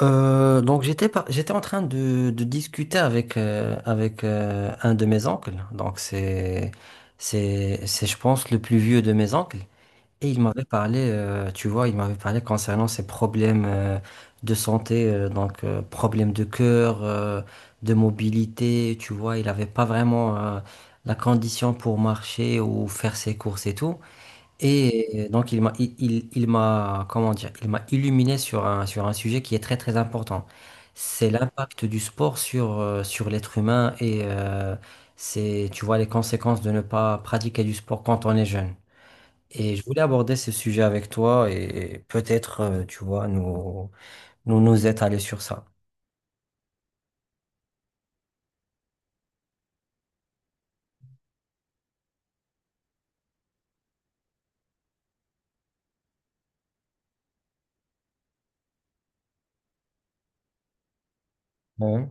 Donc j'étais en train de discuter avec un de mes oncles. Donc c'est je pense le plus vieux de mes oncles et il m'avait parlé tu vois, il m'avait parlé concernant ses problèmes de santé, problèmes de cœur, de mobilité. Tu vois, il avait pas vraiment la condition pour marcher ou faire ses courses et tout. Et donc il m'a comment dire, il m'a illuminé sur un sujet qui est très très important. C'est l'impact du sport sur l'être humain, c'est, tu vois, les conséquences de ne pas pratiquer du sport quand on est jeune. Et je voulais aborder ce sujet avec toi et peut-être, tu vois nous nous nous étaler sur ça. Ouais,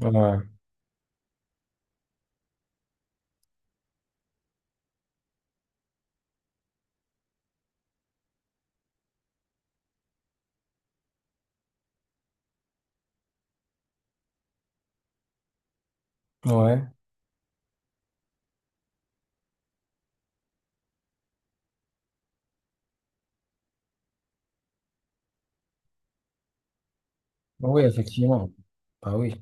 ouais, ouais. Oui, effectivement. Bah oui.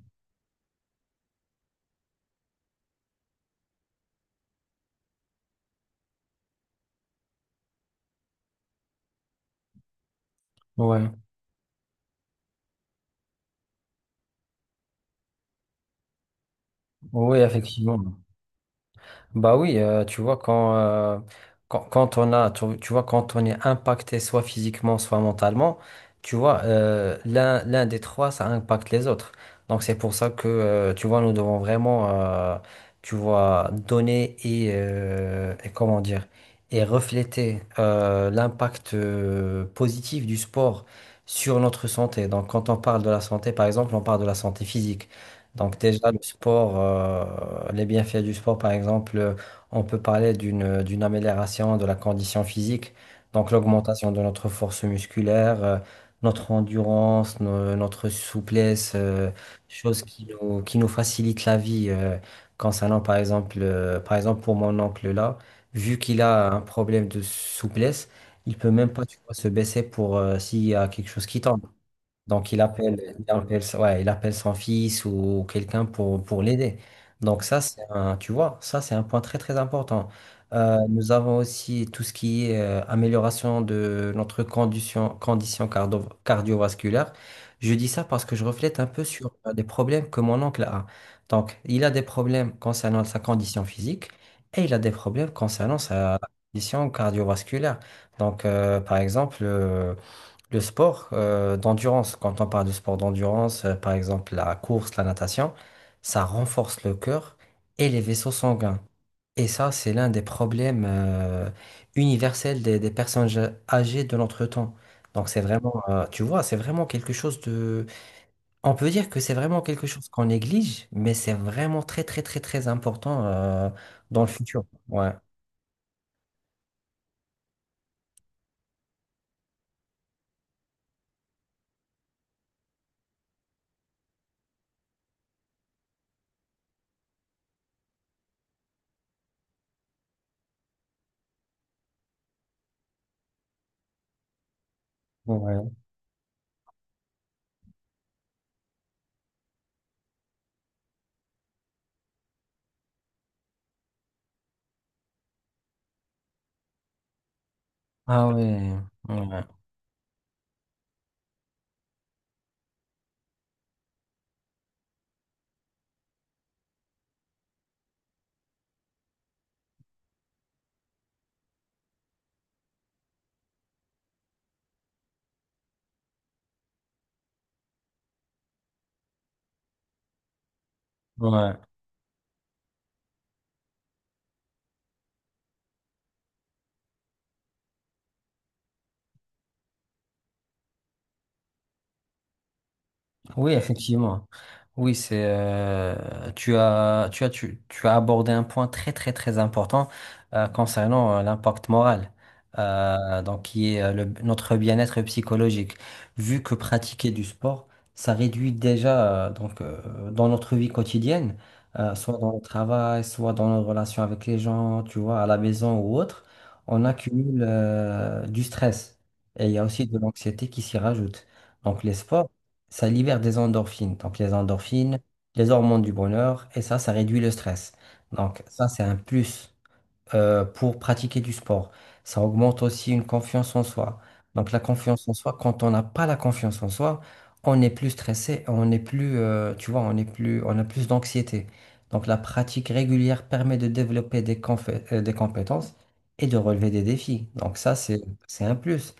Ouais, oui, effectivement. Bah oui, tu vois, quand on a, tu vois, quand on est impacté soit physiquement, soit mentalement, tu vois, l'un des trois, ça impacte les autres. Donc c'est pour ça que, tu vois, nous devons vraiment, tu vois, donner et, et comment dire, et refléter l'impact positif du sport sur notre santé. Donc quand on parle de la santé, par exemple, on parle de la santé physique. Donc déjà, le sport, les bienfaits du sport, par exemple, on peut parler d'une amélioration de la condition physique, donc l'augmentation de notre force musculaire, notre endurance, notre souplesse, choses qui nous facilitent la vie. Concernant, par exemple, pour mon oncle là, vu qu'il a un problème de souplesse, il peut même pas, tu vois, se baisser pour, s'il y a quelque chose qui tombe. Ouais, il appelle son fils ou quelqu'un pour l'aider. Donc ça, c'est un, tu vois, ça, c'est un point très très important. Nous avons aussi tout ce qui est amélioration de notre condition cardiovasculaire. Je dis ça parce que je reflète un peu sur des problèmes que mon oncle a. Donc, il a des problèmes concernant sa condition physique et il a des problèmes concernant sa condition cardiovasculaire. Donc, par exemple, le sport d'endurance, quand on parle de sport d'endurance, par exemple la course, la natation, ça renforce le cœur et les vaisseaux sanguins. Et ça, c'est l'un des problèmes universels des personnes âgées de notre temps. Donc c'est vraiment, tu vois, c'est vraiment quelque chose de… On peut dire que c'est vraiment quelque chose qu'on néglige, mais c'est vraiment très, très, très, très important dans le futur. Ouais. Ouais. Ah ouais. Ouais. Ouais. Oui, effectivement. Oui, c'est tu as abordé un point très très très important concernant l'impact moral, donc qui est notre bien-être psychologique. Vu que pratiquer du sport, ça réduit déjà, dans notre vie quotidienne, soit dans le travail, soit dans nos relations avec les gens, tu vois, à la maison ou autre, on accumule du stress et il y a aussi de l'anxiété qui s'y rajoute. Donc les sports ça libère des endorphines. Donc les endorphines, les hormones du bonheur, et ça réduit le stress. Donc ça, c'est un plus pour pratiquer du sport. Ça augmente aussi une confiance en soi. Donc la confiance en soi, quand on n'a pas la confiance en soi, on est plus stressé, on est plus, tu vois, on est plus, on a plus d'anxiété. Donc la pratique régulière permet de développer des des compétences et de relever des défis. Donc ça, c'est un plus.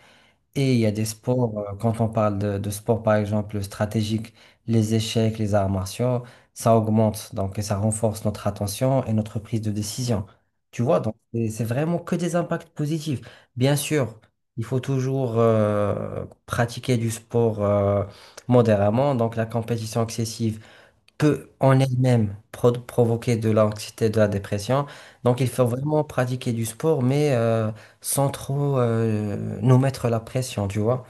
Et il y a des sports, quand on parle de sport par exemple stratégique, les échecs, les arts martiaux, ça augmente, donc et ça renforce notre attention et notre prise de décision. Tu vois, donc c'est vraiment que des impacts positifs. Bien sûr, il faut toujours pratiquer du sport modérément, donc la compétition excessive peut en elle-même provoquer de l'anxiété, de la dépression. Donc il faut vraiment pratiquer du sport, mais sans trop nous mettre la pression, tu vois.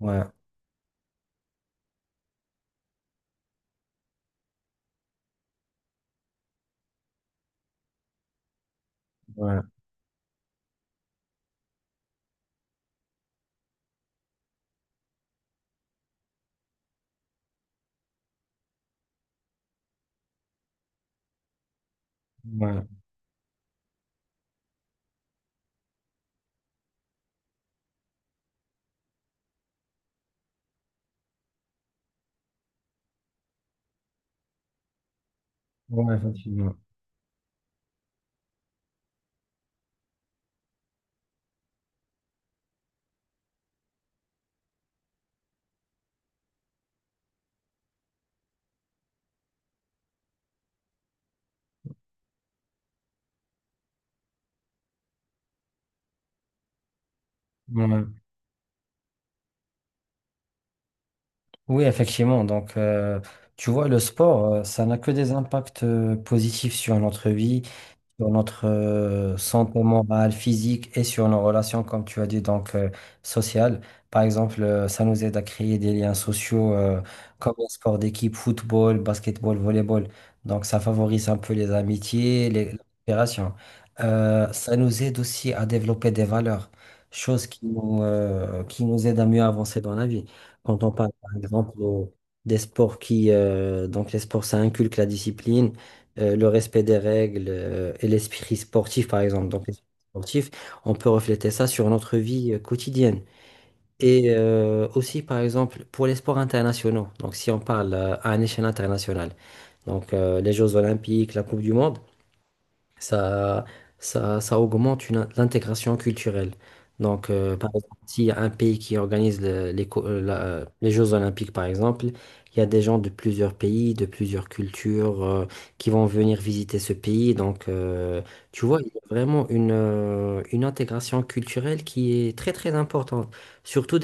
Ouais, ouais, ouais, ouais, effectivement. Ouais. Oui, effectivement. Donc, tu vois, le sport, ça n'a que des impacts positifs sur notre vie, sur notre santé morale, physique et sur nos relations, comme tu as dit, donc sociales. Par exemple, ça nous aide à créer des liens sociaux comme un sport d'équipe, football, basketball, volleyball. Donc ça favorise un peu les amitiés, les la coopération. Ça nous aide aussi à développer des valeurs, chose qui nous aide à mieux avancer dans la vie. Quand on parle, par exemple, des sports qui, donc les sports, ça inculque la discipline le respect des règles et l'esprit sportif, par exemple. Donc, l'esprit sportif, on peut refléter ça sur notre vie quotidienne. Et aussi, par exemple, pour les sports internationaux, donc si on parle à une échelle internationale, donc les Jeux Olympiques, la Coupe du Monde, ça, ça augmente l'intégration culturelle. Donc, par exemple, s'il y a un pays qui organise les Jeux Olympiques, par exemple, il y a des gens de plusieurs pays, de plusieurs cultures, qui vont venir visiter ce pays. Donc, tu vois, il y a vraiment une intégration culturelle qui est très, très importante. Surtout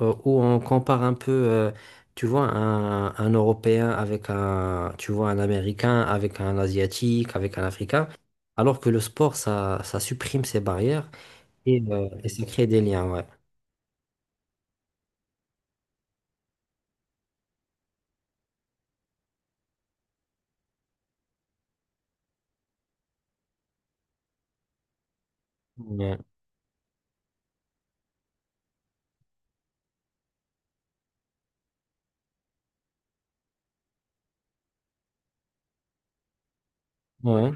où on compare un peu, tu vois, un Européen avec un, tu vois, un Américain, avec un Asiatique, avec un Africain, alors que le sport, ça supprime ces barrières et ça crée des liens, ouais. Ouais, ouais,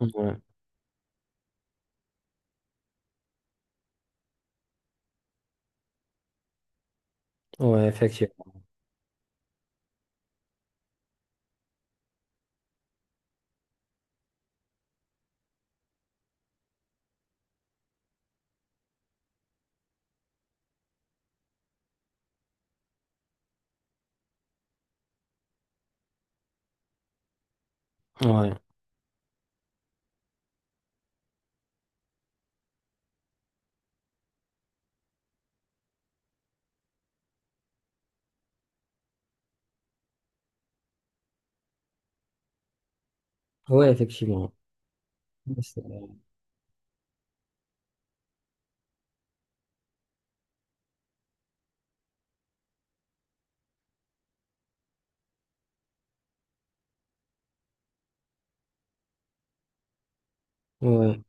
ouais, ouais, effectivement. Ouais, ouais, effectivement. Ouais.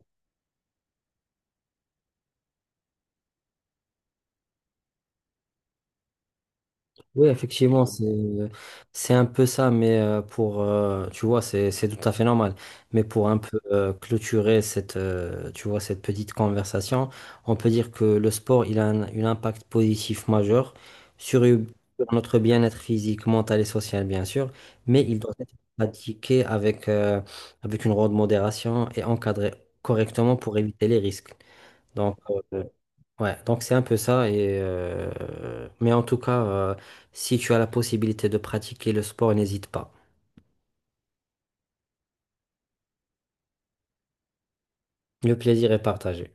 Oui, effectivement, c'est un peu ça, mais pour tu vois, c'est tout à fait normal. Mais pour un peu clôturer cette, tu vois, cette petite conversation, on peut dire que le sport il a un impact positif majeur sur, sur notre bien-être physique, mental et social bien sûr, mais il doit être pratiqué avec une grande modération et encadré correctement pour éviter les risques. Donc euh, Ouais, donc c'est un peu ça. Mais en tout cas, si tu as la possibilité de pratiquer le sport, n'hésite pas. Le plaisir est partagé.